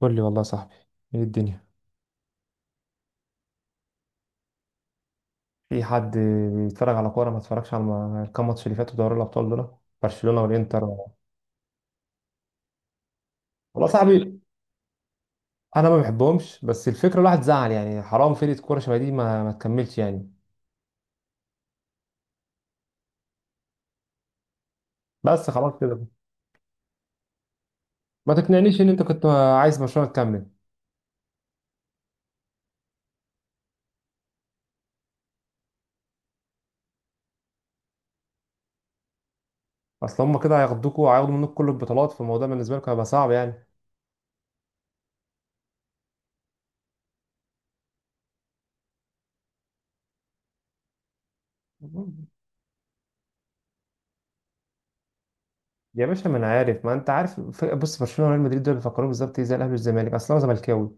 قول لي والله يا صاحبي، ايه الدنيا؟ في حد بيتفرج على كوره ما اتفرجش على الكام ماتش اللي فاتوا دوري الابطال دول؟ برشلونه والانتر والله. يا صاحبي انا ما بحبهمش، بس الفكره الواحد زعل يعني، حرام فرقه كوره شبه دي ما تكملش يعني. بس خلاص كده. ما تقنعنيش ان انت كنت عايز برشلونه تكمل. اصل هم كده هياخدوكوا وهياخدوا منك كل البطولات، فالموضوع بالنسبه لكم هيبقى صعب يعني. يا باشا، ما انا عارف ما انت عارف. بص، برشلونه وريال مدريد دول بيفكروا بالظبط ايه زي الاهلي والزمالك. اصل انا زملكاوي.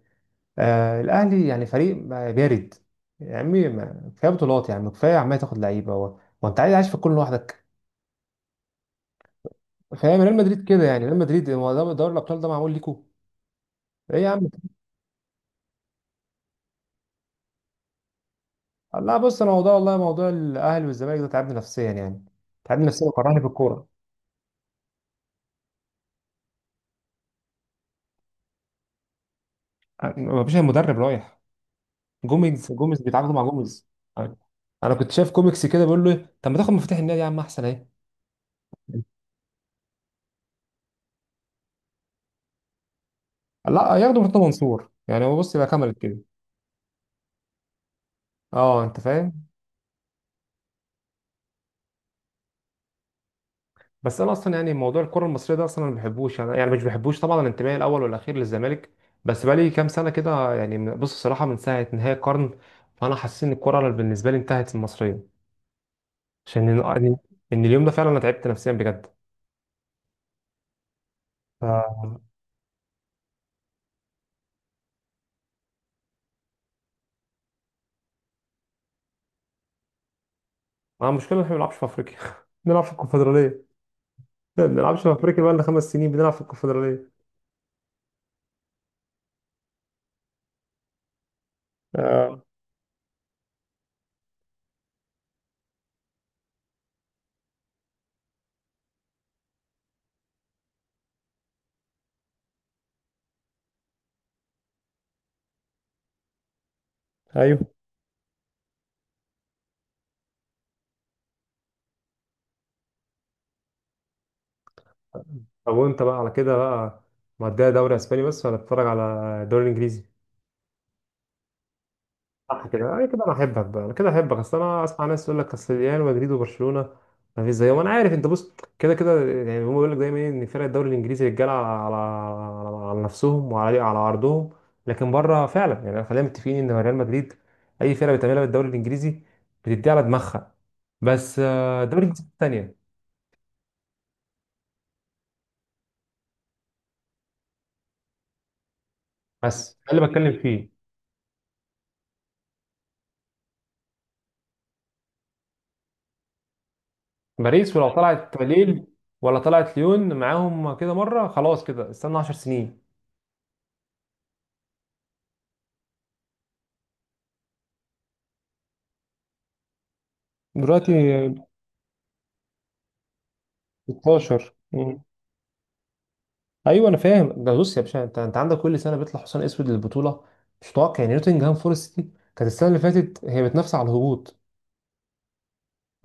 آه الاهلي يعني فريق بارد. يا عمي، كفايه بطولات يعني، كفايه عمال تاخد لعيبه. هو هو انت عايز عايش في الكون لوحدك؟ فاهم؟ ريال مدريد كده يعني، ريال مدريد، هو ده دوري الابطال ده معمول ليكوا. ايه يا عم! لا بص، انا موضوع والله موضوع الاهلي والزمالك ده تعبني نفسيا يعني. تعبني نفسيا وكرهني في الكوره. ما فيش المدرب رايح، جوميز، جوميز بيتعاقدوا مع جوميز. انا كنت شايف كوميكس كده بيقول له إيه، طب ما تاخد مفتاح النادي يا عم احسن اهي. لا ياخدوا مرتضى منصور يعني، هو بص يبقى كملت كده. اه انت فاهم. بس انا اصلا يعني موضوع الكره المصريه ده، اصلا انا ما بحبوش، انا يعني مش بحبوش طبعا، الانتماء الاول والاخير للزمالك. بس بقالي كام سنه كده يعني، بص الصراحه من ساعه نهايه القرن، فانا حاسس ان الكره بالنسبه لي انتهت المصريه. عشان ان إن اليوم ده فعلا انا تعبت نفسيا بجد. ف انا مشكله إن احنا ما بنلعبش في افريقيا بنلعب في الكونفدراليه. ما بنلعبش في افريقيا، بقى لنا خمس سنين بنلعب في الكونفدراليه. آه. ايوه. طب وانت بقى على كده بقى، مديها دوري اسباني بس، ولا بتتفرج على الدوري الانجليزي؟ صح كده، انا كده انا احبك بقى، انا كده احبك. اصل انا اسمع ناس يقول لك اصل ريال مدريد وبرشلونه ما فيش زيهم. انا عارف، انت بص، كده كده يعني هم بيقول لك دايما إيه، ان فرق الدوري الانجليزي رجاله على, على على نفسهم وعلى على عرضهم، لكن بره فعلا يعني خلينا متفقين ان ريال مدريد اي فرقه بتعملها بالدوري الانجليزي بتدي على دماغها. بس آه، الدوري الانجليزي الثانيه. بس ده اللي بتكلم فيه. باريس ولو طلعت ليل ولا طلعت ليون معاهم كده مره خلاص كده استنى 10 سنين. دلوقتي؟ 16. ايوه انا فاهم ده. بص يا باشا، انت انت عندك كل سنه بيطلع حصان اسود للبطوله، مش متوقع يعني. نوتنجهام فورست دي كانت السنه اللي فاتت هي بتنافس على الهبوط،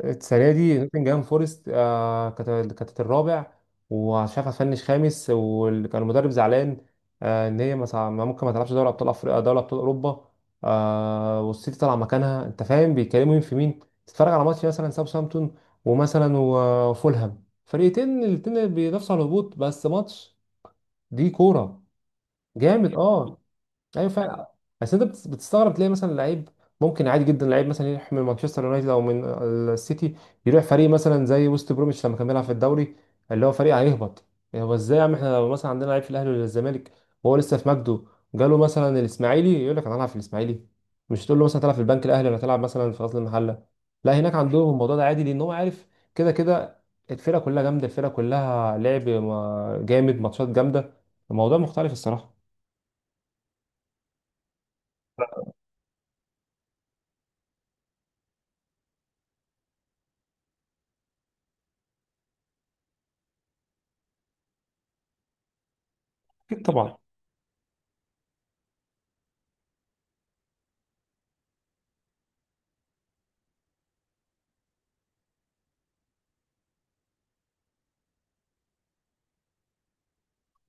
السنه دي نوتنجهام فورست آه كانت كانت الرابع، ومش عارف هتفنش خامس، وكان المدرب زعلان آه ان هي مثلا ممكن ما تلعبش دوري ابطال افريقيا، دوري ابطال اوروبا آه، والسيتي طالع مكانها. انت فاهم بيتكلموا مين في مين؟ تتفرج على ماتش مثلا ساوثهامبتون ومثلا وفولهام، فريقين الاتنين بينافسوا على الهبوط، بس ماتش دي كوره جامد. اه ايوه فعلا. بس انت بتستغرب تلاقي مثلا لعيب، ممكن عادي جدا لعيب مثلا يروح من مانشستر يونايتد او من السيتي، يروح فريق مثلا زي وست بروميتش لما كان بيلعب في الدوري، اللي هو فريق هيهبط. يعني هو ازاي؟ يا عم احنا لو مثلا عندنا لعيب في الاهلي ولا الزمالك وهو لسه في مجده، جاله مثلا الاسماعيلي، يقول لك انا هلعب في الاسماعيلي؟ مش تقول له مثلا تلعب في البنك الاهلي ولا تلعب مثلا في غزل المحله. لا هناك عندهم الموضوع ده عادي، لان هو عارف كده كده الفرقه كلها جامده، الفرقه كلها لعب جامد، ماتشات جامده. الموضوع مختلف الصراحه. اكيد طبعا.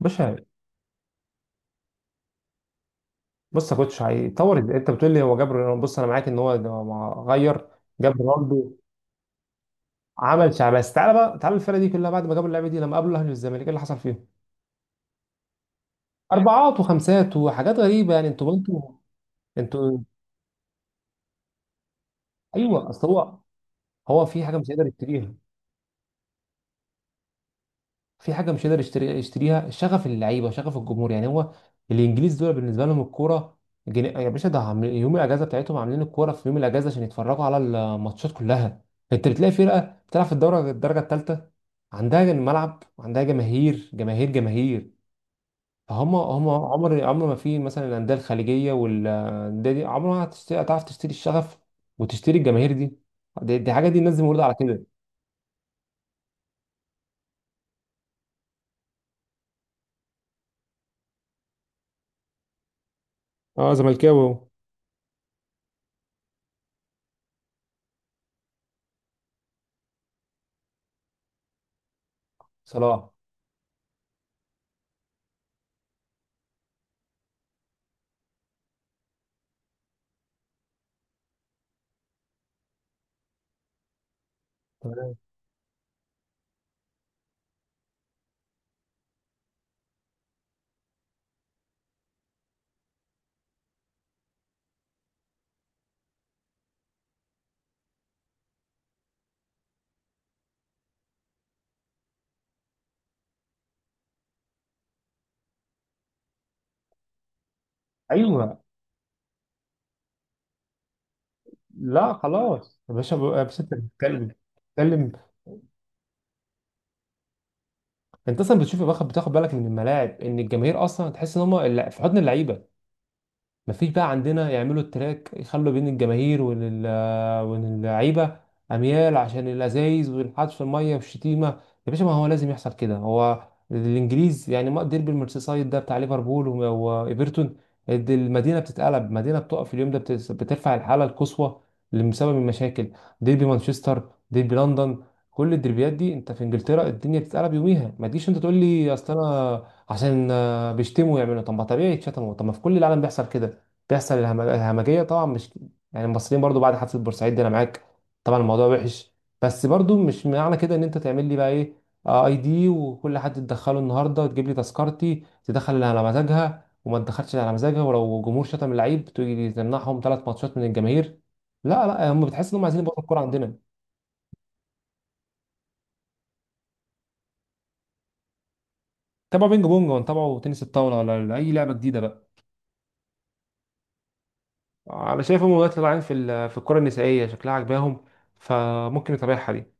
مش هي- بص يا كوتش، هيطور ازاي؟ انت بتقول لي هو جاب رونالدو، بص انا معاك ان هو ده ما غير. جاب رونالدو عمل شعب، بس تعالى بقى، تعالى الفرقه دي كلها بعد ما جابوا اللعيبه دي لما قابلوا اهلي والزمالك، ايه اللي حصل فيهم؟ اربعات وخمسات وحاجات غريبه يعني. انتوا، انتوا، انتوا. ايوه اصل هو، هو في حاجه مش هيقدر يشتريها. في حاجه مش قادر يشتريها، شغف اللعيبه، شغف الجمهور، يعني هو الانجليز دول بالنسبه لهم الكوره يا باشا ده يوم الاجازه بتاعتهم عاملين الكوره في يوم الاجازه عشان يتفرجوا على الماتشات كلها. انت بتلاقي فرقه بتلعب في الدوره الدرجه الثالثه عندها ملعب وعندها جماهير جماهير جماهير. فهم هم عمر عمر ما، في مثلا الانديه الخليجيه والانديه دي عمرها ما هتعرف تشتري الشغف وتشتري الجماهير دي. دي حاجه، دي الناس دي مولوده على كده. اه زملكاوي أهو. صلاح. تمام. ايوه. لا خلاص يا باشا، يا باشا انت بتتكلم، بتتكلم، انت اصلا بتشوف يا بخت بتاخد بالك من الملاعب ان الجماهير اصلا تحس ان هم في حضن اللعيبه. مفيش بقى عندنا، يعملوا التراك يخلوا بين الجماهير واللعيبة أميال عشان الأزايز والحدف في المية والشتيمة. يا باشا ما هو لازم يحصل كده، هو الإنجليز يعني، ما ديربي المرسيسايد ده بتاع ليفربول وإيفرتون، المدينة بتتقلب، مدينة بتقف اليوم ده، بترفع الحالة القصوى اللي بسبب المشاكل. ديربي مانشستر، ديربي لندن، كل الدربيات دي انت في انجلترا الدنيا بتتقلب يوميها. ما تجيش انت تقول لي اصل انا عشان آه، بيشتموا يعملوا. طب ما طبيعي يتشتموا، طب ما في كل العالم بيحصل كده. بيحصل الهمجيه طبعا، مش يعني المصريين برضو بعد حفله بورسعيد دي انا معاك طبعا الموضوع وحش، بس برضو مش معنى كده ان انت تعمل لي بقى ايه آه، اي دي، وكل حد تدخله النهارده وتجيب لي تذكرتي، تدخل اللي على مزاجها وما تدخلش اللي على مزاجها، ولو جمهور شتم اللعيب تيجي تمنعهم ثلاث ماتشات من الجماهير. لا لا، هم بتحس انهم عايزين يبطلوا الكوره عندنا. تابعوا بينج بونج، وتابعوا تنس الطاوله، ولا اي لعبه جديده بقى. انا شايف هم دلوقتي طالعين في في الكره النسائيه شكلها عجباهم، فممكن يتابعها دي.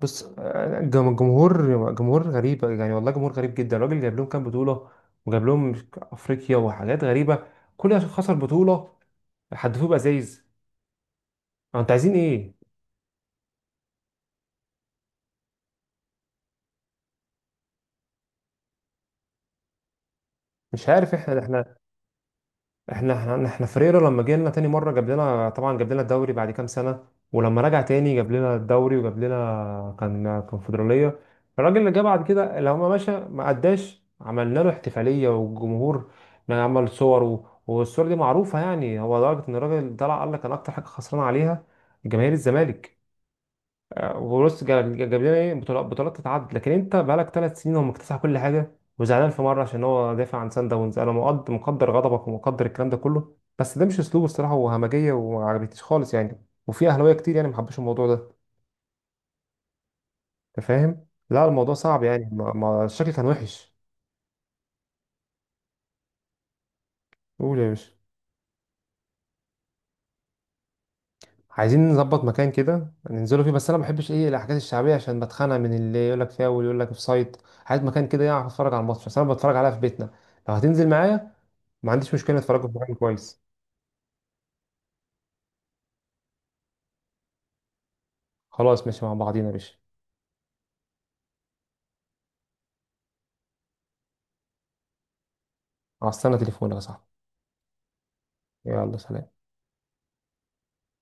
بص آه، جمهور، جمهور غريب يعني والله، جمهور غريب جدا. الراجل جايب لهم كام بطولة، وجاب لهم افريقيا وحاجات غريبة، كل عشان خسر بطولة حدفوه بأزايز. أه، انتوا عايزين ايه؟ مش عارف. احنا فريرة لما جينا تاني مرة جاب لنا طبعا، جاب لنا الدوري بعد كام سنة، ولما رجع تاني جاب لنا الدوري وجاب لنا كان كونفدرالية. الراجل اللي جه بعد كده لما مشى، ما قداش عملنا له احتفالية، والجمهور عمل صور والصور دي معروفة يعني، هو لدرجة ان الراجل طلع قال لك انا اكتر حاجة خسران عليها جماهير الزمالك. وبص جاب لنا ايه بطولات، بطولات تتعد، لكن انت بقالك ثلاث سنين هو مكتسح كل حاجه، وزعلان في مره عشان هو دافع عن سان داونز. انا مقدر، مقدر غضبك ومقدر الكلام ده كله، بس ده مش اسلوبه الصراحه، وهمجيه، وما عجبتنيش خالص يعني، وفي اهلاويه كتير يعني ما حبوش الموضوع ده. انت فاهم؟ لا الموضوع صعب يعني الشكل كان وحش. قول يا باشا. عايزين نظبط مكان كده ننزلوا فيه، بس انا ما بحبش ايه الحاجات الشعبيه عشان بتخانق من اللي يقول لك فاول، يقول لك اوف سايد. عايز مكان كده يعرف اتفرج على الماتش، بس انا بتفرج عليها في بيتنا. لو هتنزل معايا ما عنديش مشكله، نتفرجوا في مكان كويس. خلاص ماشي مع بعضينا يا باشا. على السنه تليفونك يا صاحبي. يلا سلام.